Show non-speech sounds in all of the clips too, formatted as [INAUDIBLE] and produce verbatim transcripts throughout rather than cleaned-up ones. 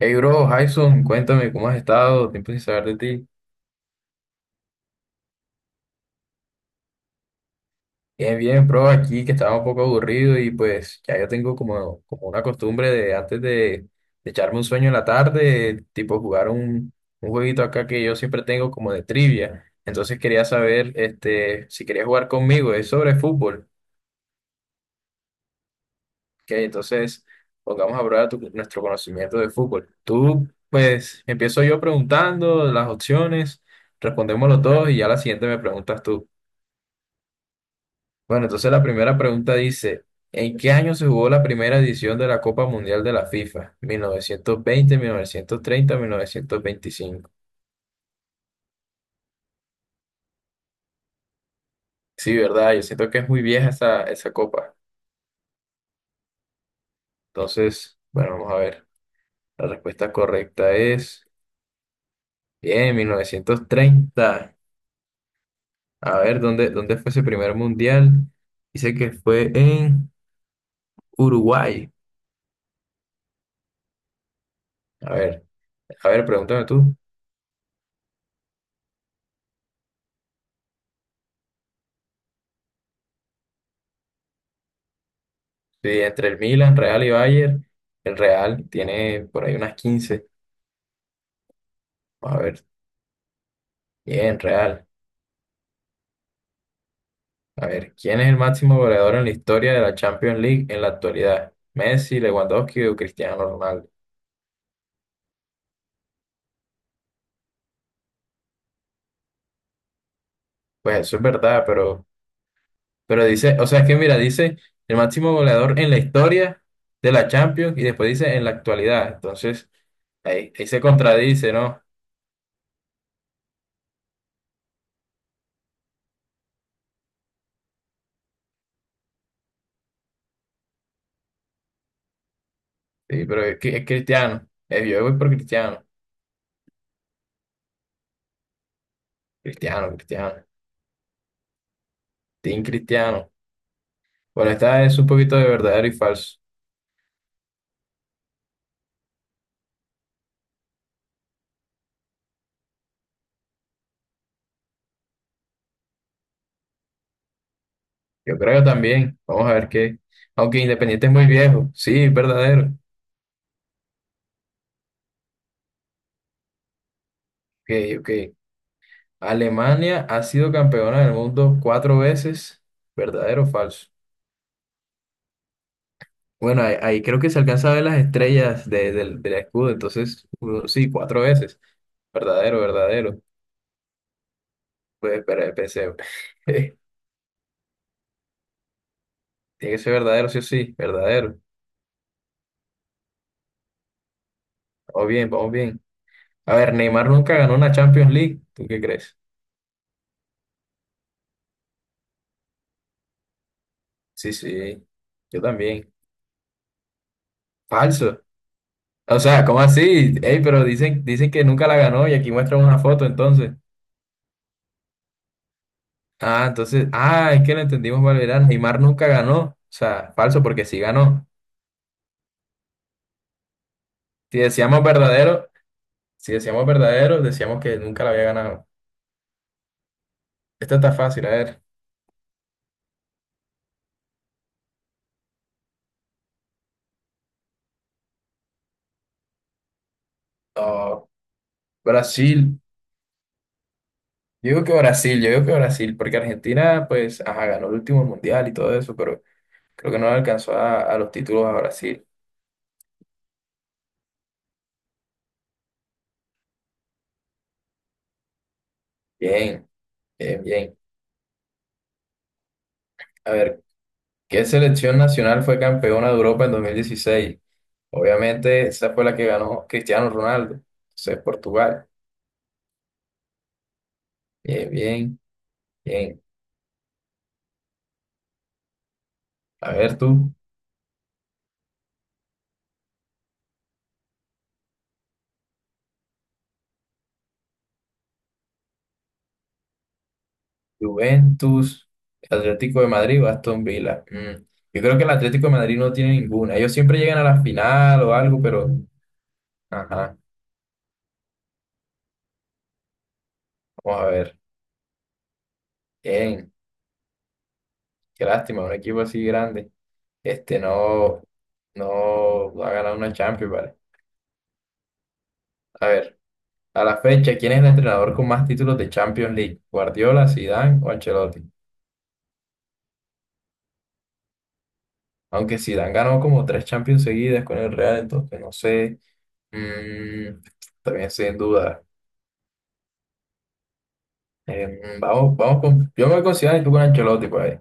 Hey bro, Jason, cuéntame cómo has estado, tiempo sin saber de ti. Bien, bien, bro, aquí que estaba un poco aburrido y pues ya yo tengo como, como una costumbre de antes de, de echarme un sueño en la tarde, tipo jugar un, un jueguito acá que yo siempre tengo como de trivia. Entonces quería saber este, si querías jugar conmigo, es sobre fútbol, ¿ok? Entonces pongamos a prueba tu- nuestro conocimiento de fútbol. Tú, pues empiezo yo preguntando las opciones, respondemos los dos y ya la siguiente me preguntas tú. Bueno, entonces la primera pregunta dice, ¿en qué año se jugó la primera edición de la Copa Mundial de la FIFA? mil mil novecientos novecientos veinte, mil novecientos treinta, mil novecientos veinticinco. Sí, ¿verdad? Yo siento que es muy vieja esa, esa copa. Entonces, bueno, vamos a ver. La respuesta correcta es, bien, mil novecientos treinta. A ver, ¿dónde, dónde fue ese primer mundial? Dice que fue en Uruguay. A ver, a ver, pregúntame tú. Sí, entre el Milan, Real y Bayern, el Real tiene por ahí unas quince. A ver, bien, real. A ver, ¿quién es el máximo goleador en la historia de la Champions League en la actualidad? ¿Messi, Lewandowski o Cristiano Ronaldo? Pues eso es verdad, pero, pero dice, o sea, es que mira, dice el máximo goleador en la historia de la Champions y después dice en la actualidad. Entonces, ahí, ahí se contradice, ¿no? Sí, pero es, que- es Cristiano. Eh, yo voy por Cristiano. Cristiano, Cristiano. Team Cristiano. Bueno, esta es un poquito de verdadero y falso. Yo creo que también. Vamos a ver qué. Aunque Independiente es muy viejo. Sí, es verdadero. Ok, ok. Alemania ha sido campeona del mundo cuatro veces. ¿Verdadero o falso? Bueno, ahí, ahí creo que se alcanza a ver las estrellas de- del, del escudo. Entonces, uno- sí, cuatro veces. Verdadero, verdadero. Pues, espera, pensé. [LAUGHS] Tiene que ser verdadero, sí o sí. Verdadero. Vamos bien, vamos bien. A ver, Neymar nunca ganó una Champions League. ¿Tú qué crees? Sí, sí. Yo también. Falso. O sea, ¿cómo así? Ey, pero dicen, dicen que nunca la ganó y aquí muestran una foto, entonces. Ah, entonces, ah, es que lo entendimos mal, verá, Neymar nunca ganó. O sea, falso, porque sí ganó. Si decíamos verdadero, si decíamos verdadero, decíamos que nunca la había ganado. Esta está fácil, a ver. Ah, Brasil. Yo digo que Brasil, yo digo que Brasil, porque Argentina, pues, ajá, ganó el último mundial y todo eso, pero creo que no le alcanzó a, a los títulos a Brasil. Bien, bien, bien. A ver. ¿Qué selección nacional fue campeona de Europa en dos mil dieciséis? Obviamente, esa fue la que ganó Cristiano Ronaldo. Entonces, Portugal. Bien, bien, bien. A ver tú, Juventus, Atlético de Madrid o Aston Villa. Mm, yo creo que el Atlético de Madrid no tiene ninguna. Ellos siempre llegan a la final o algo, pero... Ajá, vamos a ver. Bien, qué lástima, un equipo así grande. Este no, no, no ha ganado una Champions, ¿vale? A ver. A la fecha, ¿quién es el entrenador con más títulos de Champions League? ¿Guardiola, Zidane o Ancelotti? Aunque Zidane ganó como tres Champions seguidas con el Real, entonces no sé. Mm, también sin duda. Em, vamos, vamos con. Yo me considero y tú con Ancelotti, pues.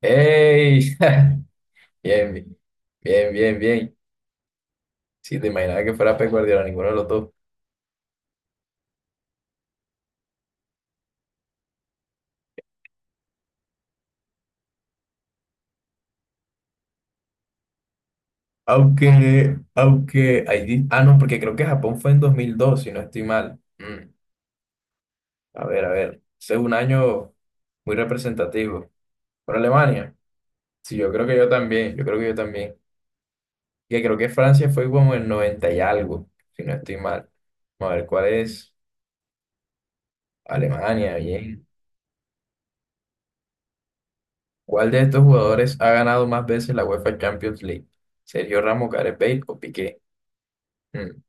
¡Ey! [LAUGHS] Bien, bien, bien, bien, bien. Si te imaginaba que fuera Pep Guardiola, ninguno de los dos. Aunque, aunque, ahí di- ah, no, porque creo que Japón fue en dos mil dos, si no estoy mal. Mm. A ver, a ver. Ese es un año muy representativo. ¿Por Alemania? Sí, yo creo que yo también. Yo creo que yo también. Que creo que Francia fue como el noventa y algo, si no estoy mal. Vamos a ver, ¿cuál es? Alemania, bien. ¿Cuál de estos jugadores ha ganado más veces la UEFA Champions League? ¿Sergio Ramos, Gareth Bale o Piqué? Mm,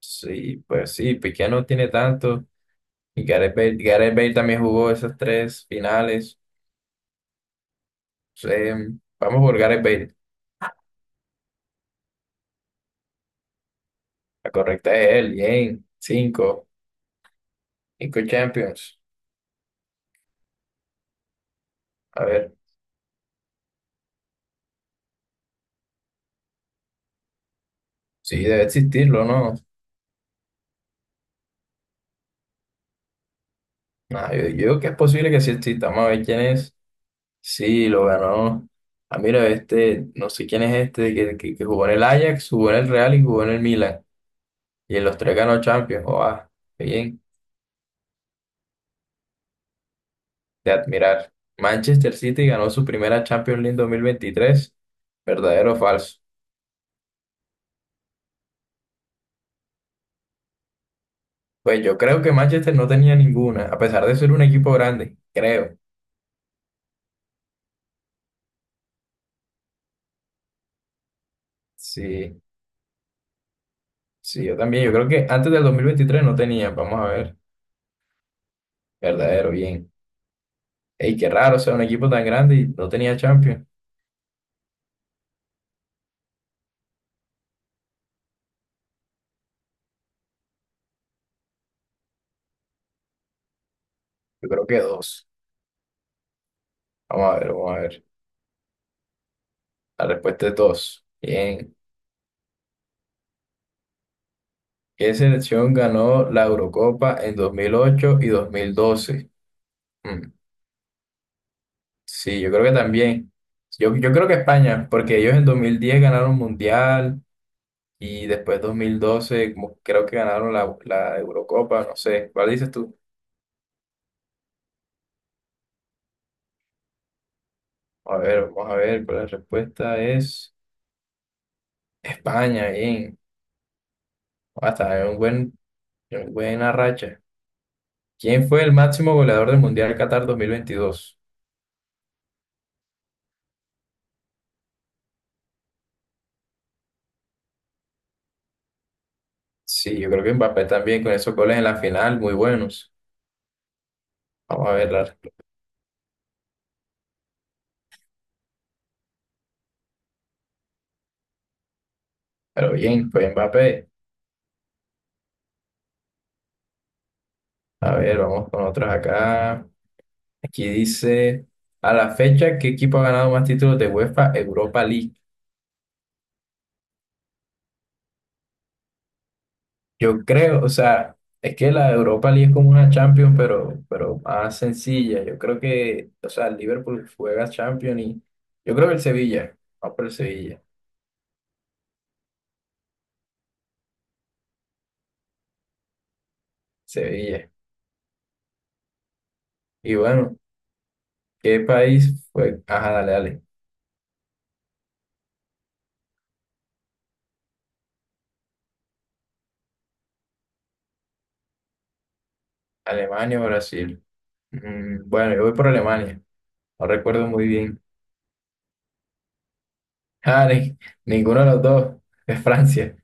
sí, pues sí, Piqué no tiene tanto. Y Gareth Bale, Gareth Bale también jugó esas tres finales. Sí, vamos por Gareth Bale. La correcta es él, bien. Cinco. Cinco Champions. A ver, sí, debe existirlo, ¿no? Nah, yo yo digo que es posible que sí exista. Vamos a ver quién es. Sí, lo ganó. Ah, mira, este, no sé quién es este, que, que, que jugó en el Ajax, jugó en el Real y jugó en el Milan. Y en los tres ganó Champions. Oh, ah, qué bien, de admirar. Manchester City ganó su primera Champions League dos mil veintitrés. ¿Verdadero o falso? Pues yo creo que Manchester no tenía ninguna, a pesar de ser un equipo grande, creo. Sí. Sí, yo también. Yo creo que antes del dos mil veintitrés no tenía, vamos a ver, verdadero, bien. Ey, qué raro, o sea, un equipo tan grande y no tenía Champions. Yo creo que dos. Vamos a ver, vamos a ver. La respuesta es dos. Bien. ¿Qué selección ganó la Eurocopa en dos mil ocho y dos mil doce? Mm, sí, yo creo que también. Yo, yo creo que España, porque ellos en dos mil diez ganaron Mundial y después dos mil doce como creo que ganaron la, la Eurocopa, no sé. ¿Cuál dices tú? A ver, vamos a ver, pero la respuesta es... España, bien. Hasta en un buen, en buena racha. ¿Quién fue el máximo goleador del Mundial Qatar dos mil veintidós? Sí, yo creo que Mbappé también con esos goles en la final, muy buenos. Vamos a ver, la- pero bien, fue Mbappé. A ver, vamos con otros acá. Aquí dice, a la fecha, ¿qué equipo ha ganado más títulos de UEFA Europa League? Yo creo, o sea, es que la Europa League es como una Champions, pero, pero más sencilla. Yo creo que, o sea, el Liverpool juega Champions y yo creo que el Sevilla, vamos por el Sevilla, Sevilla. Y bueno, ¿qué país fue? Ajá, dale, dale. Alemania o Brasil. Mm, bueno, yo voy por Alemania, no recuerdo muy bien. [LAUGHS] Ah, ni- ninguno de los dos, es Francia.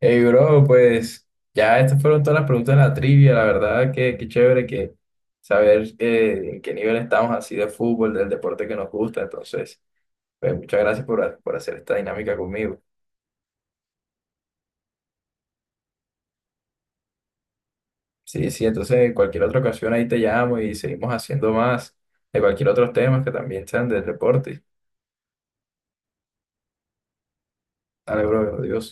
Hey, bro, pues ya estas fueron todas las preguntas de la trivia, la verdad que qué chévere que saber eh, en qué nivel estamos así de fútbol, del deporte que nos gusta, entonces, pues muchas gracias por, ha- por hacer esta dinámica conmigo. Sí, sí, entonces en cualquier otra ocasión ahí te llamo y seguimos haciendo más de cualquier otro tema que también sean del deporte. Dale, bro, adiós.